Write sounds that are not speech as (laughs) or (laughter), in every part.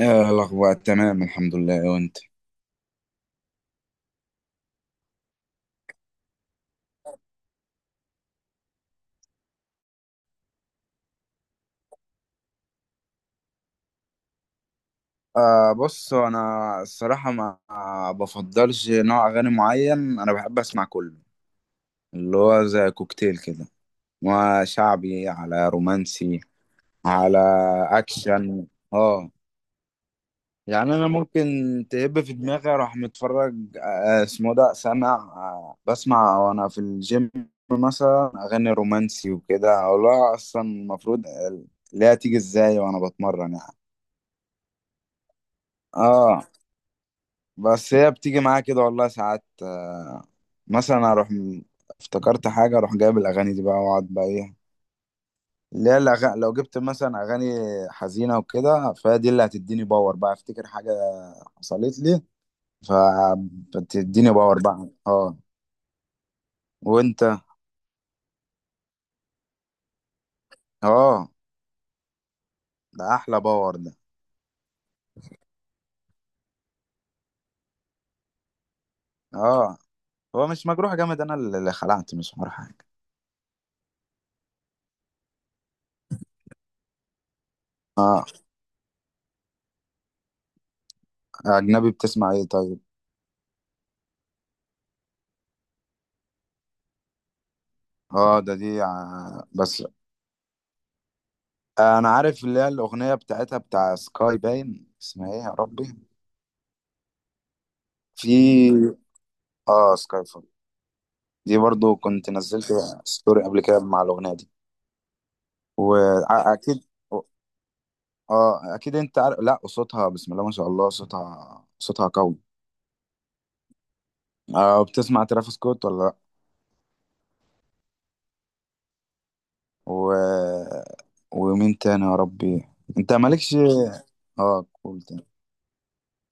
الأخبار تمام، الحمد لله. وأنت؟ بص، أنا الصراحة ما بفضلش نوع أغاني معين. أنا بحب أسمع كله، اللي هو زي كوكتيل كده، وشعبي على رومانسي، على أكشن. اه يعني أنا ممكن تهب في دماغي أروح متفرج، اسمه ده، سمع، بسمع وأنا في الجيم، مثلا أغاني رومانسي وكده، أو لا أصلا المفروض لا. تيجي إزاي وأنا بتمرن يعني؟ اه بس هي بتيجي معايا كده والله ساعات، مثلا افتكرت حاجه، اروح جايب الاغاني دي بقى، واقعد بقى ايه، اللي هي الأغاني. لو جبت مثلا اغاني حزينه وكده، فهي دي اللي هتديني باور، بقى افتكر حاجه حصلت لي، فبتديني باور بقى. اه، وانت؟ اه، ده احلى باور ده. اه، هو مش مجروح جامد، انا اللي خلعت، مش حوار حاجه. اه، اجنبي، بتسمع ايه طيب؟ اه، ده دي بس انا عارف اللي هي الاغنيه بتاعتها، بتاع سكاي باين، اسمها ايه يا ربي؟ في. اه، سكاي فول. دي برضو كنت نزلت ستوري قبل كده مع الاغنيه دي. واكيد. اه، اكيد انت عارف. لا، صوتها بسم الله ما شاء الله، صوتها قوي. بتسمع ترافيس سكوت ولا لا؟ و... ومين تاني يا ربي؟ انت مالكش. اه، قول تاني.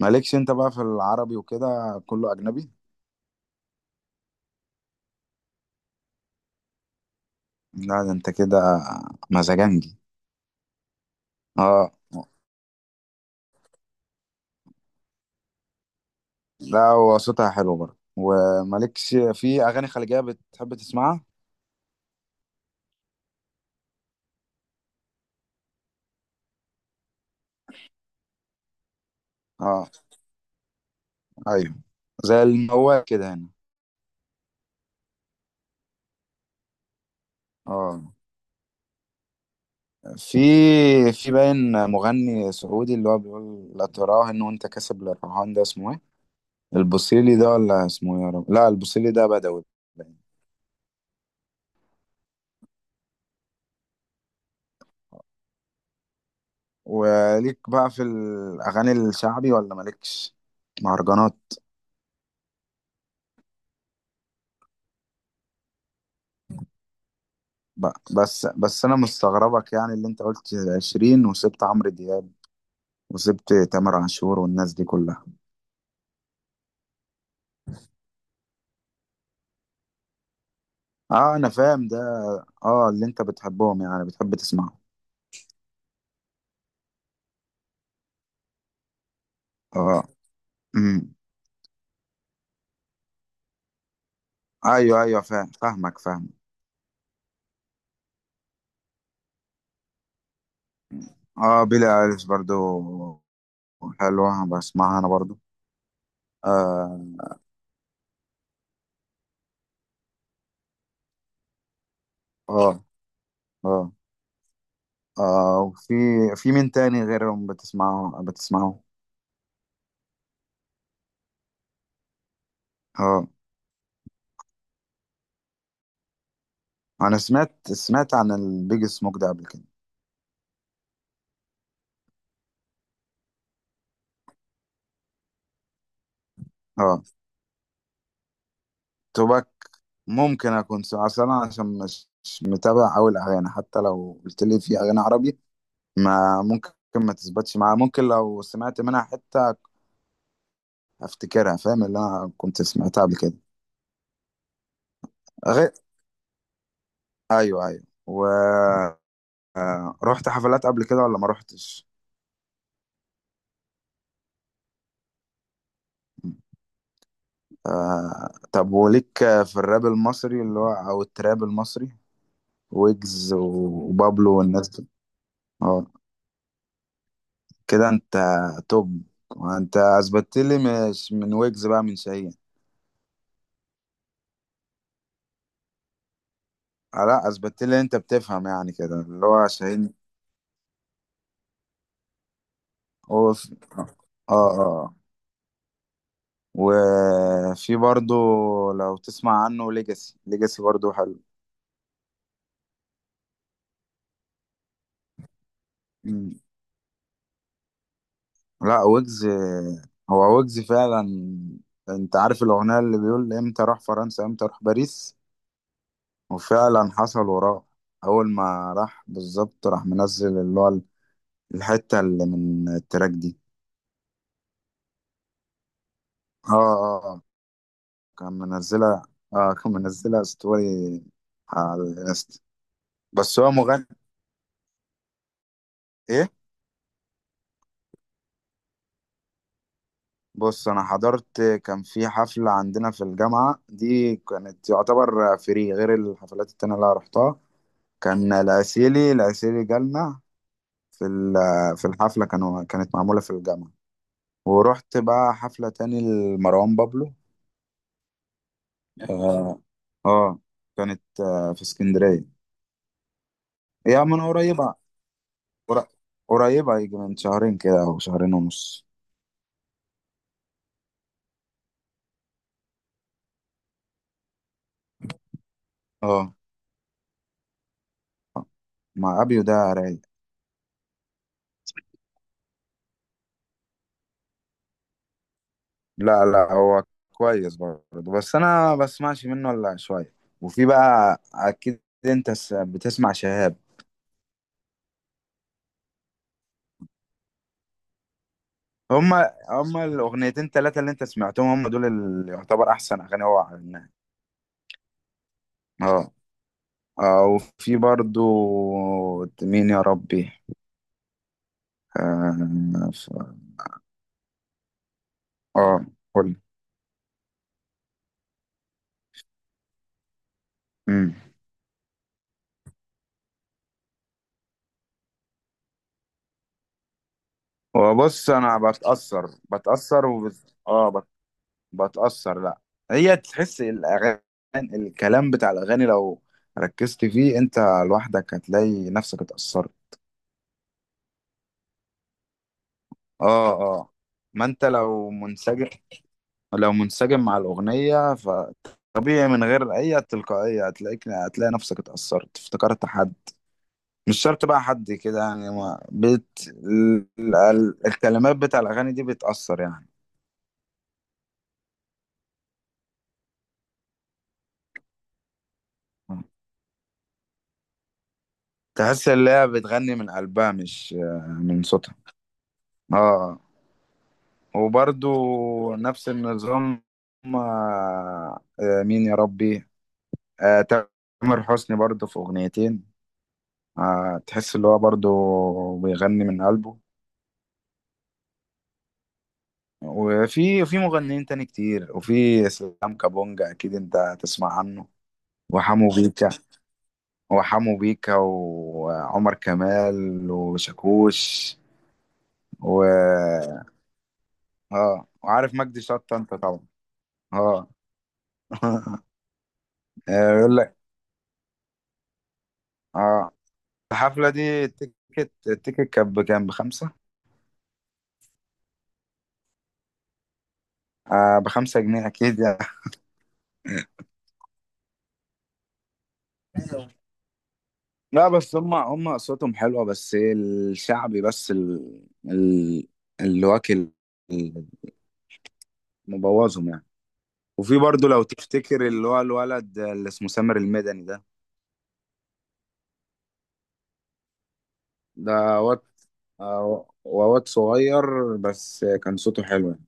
مالكش انت بقى في العربي وكده، كله اجنبي؟ لا ده انت كده مزاجنجي. اه. لا، هو صوتها حلو برضه. ومالكش في اغاني خليجيه بتحب تسمعها؟ اه، ايوه، زي الموال كده هنا. اه، في في باين مغني سعودي، اللي هو بيقول لا تراه ان وانت كاسب للرهان، ده اسمه ايه؟ البوصيلي ده ولا اسمه إيه يا رب؟ لا، البوصيلي ده بدوي، باين. وليك بقى في الاغاني الشعبي ولا مالكش؟ مهرجانات بقى. بس انا مستغربك، يعني اللي انت قلت 20 وسبت عمرو دياب، وسبت تامر عاشور والناس دي كلها. اه، انا فاهم ده. اه، اللي انت بتحبهم يعني بتحب تسمعه. اه. امم. ايوه ايوه، فاهم فاهمك فاهم. اه، بيلي ايليش برضو حلوة، بسمعها انا برضو. اه، اه، اه, آه. وفي، مين تاني غيرهم بتسمعه اه، انا سمعت عن البيج سموك ده قبل كده. اه، توباك. ممكن اكون اصل انا عشان مش متابع اوي الاغاني، حتى لو قلت لي في اغاني عربي ما ممكن ما تثبتش معايا. ممكن لو سمعت منها حتة افتكرها، فاهم، اللي انا كنت سمعتها قبل كده. غير، ايوه ايوه. و، رحت حفلات قبل كده ولا ما رحتش؟ طب وليك في الراب المصري، اللي هو او التراب المصري، ويجز وبابلو والناس دي؟ اه، كده انت توب. انت اثبتت لي، مش من ويجز بقى، من شاهين. لا، اثبتت لي انت بتفهم يعني كده، اللي هو شاهين. هو في... اه، اه. وفي برضو لو تسمع عنه، ليجاسي. ليجاسي برضو حلو. مم. لا، ويجز، هو ويجز فعلا. انت عارف الأغنية اللي بيقول امتى راح فرنسا، امتى راح باريس؟ وفعلا حصل وراه. أول ما راح بالظبط راح منزل اللي هو الحتة اللي من التراك دي. اه، اه، آه. كان منزلها، اه كان منزلها ستوري على الانستا. بس هو مغني، ايه. بص، انا حضرت، كان في حفلة عندنا في الجامعة. دي كانت يعتبر فري غير الحفلات التانية اللي أنا رحتها. كان العسيلي، العسيلي جالنا في في الحفلة، كانت معمولة في الجامعة. ورحت بقى حفلة تاني لمروان بابلو. اه، آه، كانت في اسكندرية. هي من قريبة. قر- قريبة، يجي من شهرين كده او شهرين ونص. اه، مع ابيو، ده رايق. لا، لا هو كويس برضه، بس انا ما بسمعش منه الا شويه. وفي بقى اكيد انت بتسمع شهاب. هما الاغنيتين ثلاثه اللي انت سمعتهم، هما دول اللي يعتبر احسن اغاني هو عملناها. اه، اه. وفي برضه، مين يا ربي؟ اه، آه، قول. امم وبص، انا بتاثر اه، بتأثر. لا، هي تحس الأغاني، الكلام بتاع الأغاني لو ركزت فيه أنت لوحدك، هتلاقي نفسك اتأثرت. اه، اه. ما أنت لو منسجم، مع الأغنية، فطبيعي من غير أي تلقائية هتلاقيك، هتلاقي نفسك اتأثرت، افتكرت حد. مش شرط بقى حد كده يعني. ما بت... الكلمات بتاع الأغاني دي بتأثر يعني. تحس إن هي بتغني من قلبها، مش من صوتها. اه، آه. وبرضو نفس النظام. مين يا ربي؟ تامر حسني برضو في أغنيتين، تحس اللي هو برضو بيغني من قلبه. وفي، مغنيين تاني كتير. وفي اسلام كابونجا اكيد انت تسمع عنه. وحمو بيكا، وعمر كمال وشاكوش. و، اه، وعارف مجدي شطة انت طبعا. اه (laughs) يقول لك. اه، الحفلة دي التيكت كان بكام، بخمسة. آه، ب5 جنيه أكيد يعني. لا بس هم أصواتهم حلوة، بس إيه الشعبي، بس اللي واكل مبوظهم يعني. وفي برضه لو تفتكر اللي هو الولد اللي اسمه سامر المدني ده، واد، واد صغير بس كان صوته حلو يعني.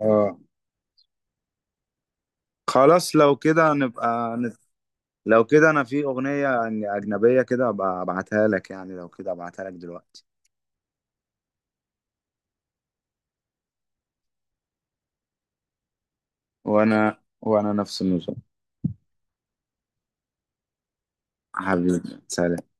آه، خلاص. لو كده نبقى لو كده أنا في أغنية أجنبية كده أبقى أبعتها لك، يعني لو كده أبعتها لك دلوقتي. وانا نفس النظام. حبيبي، سلام.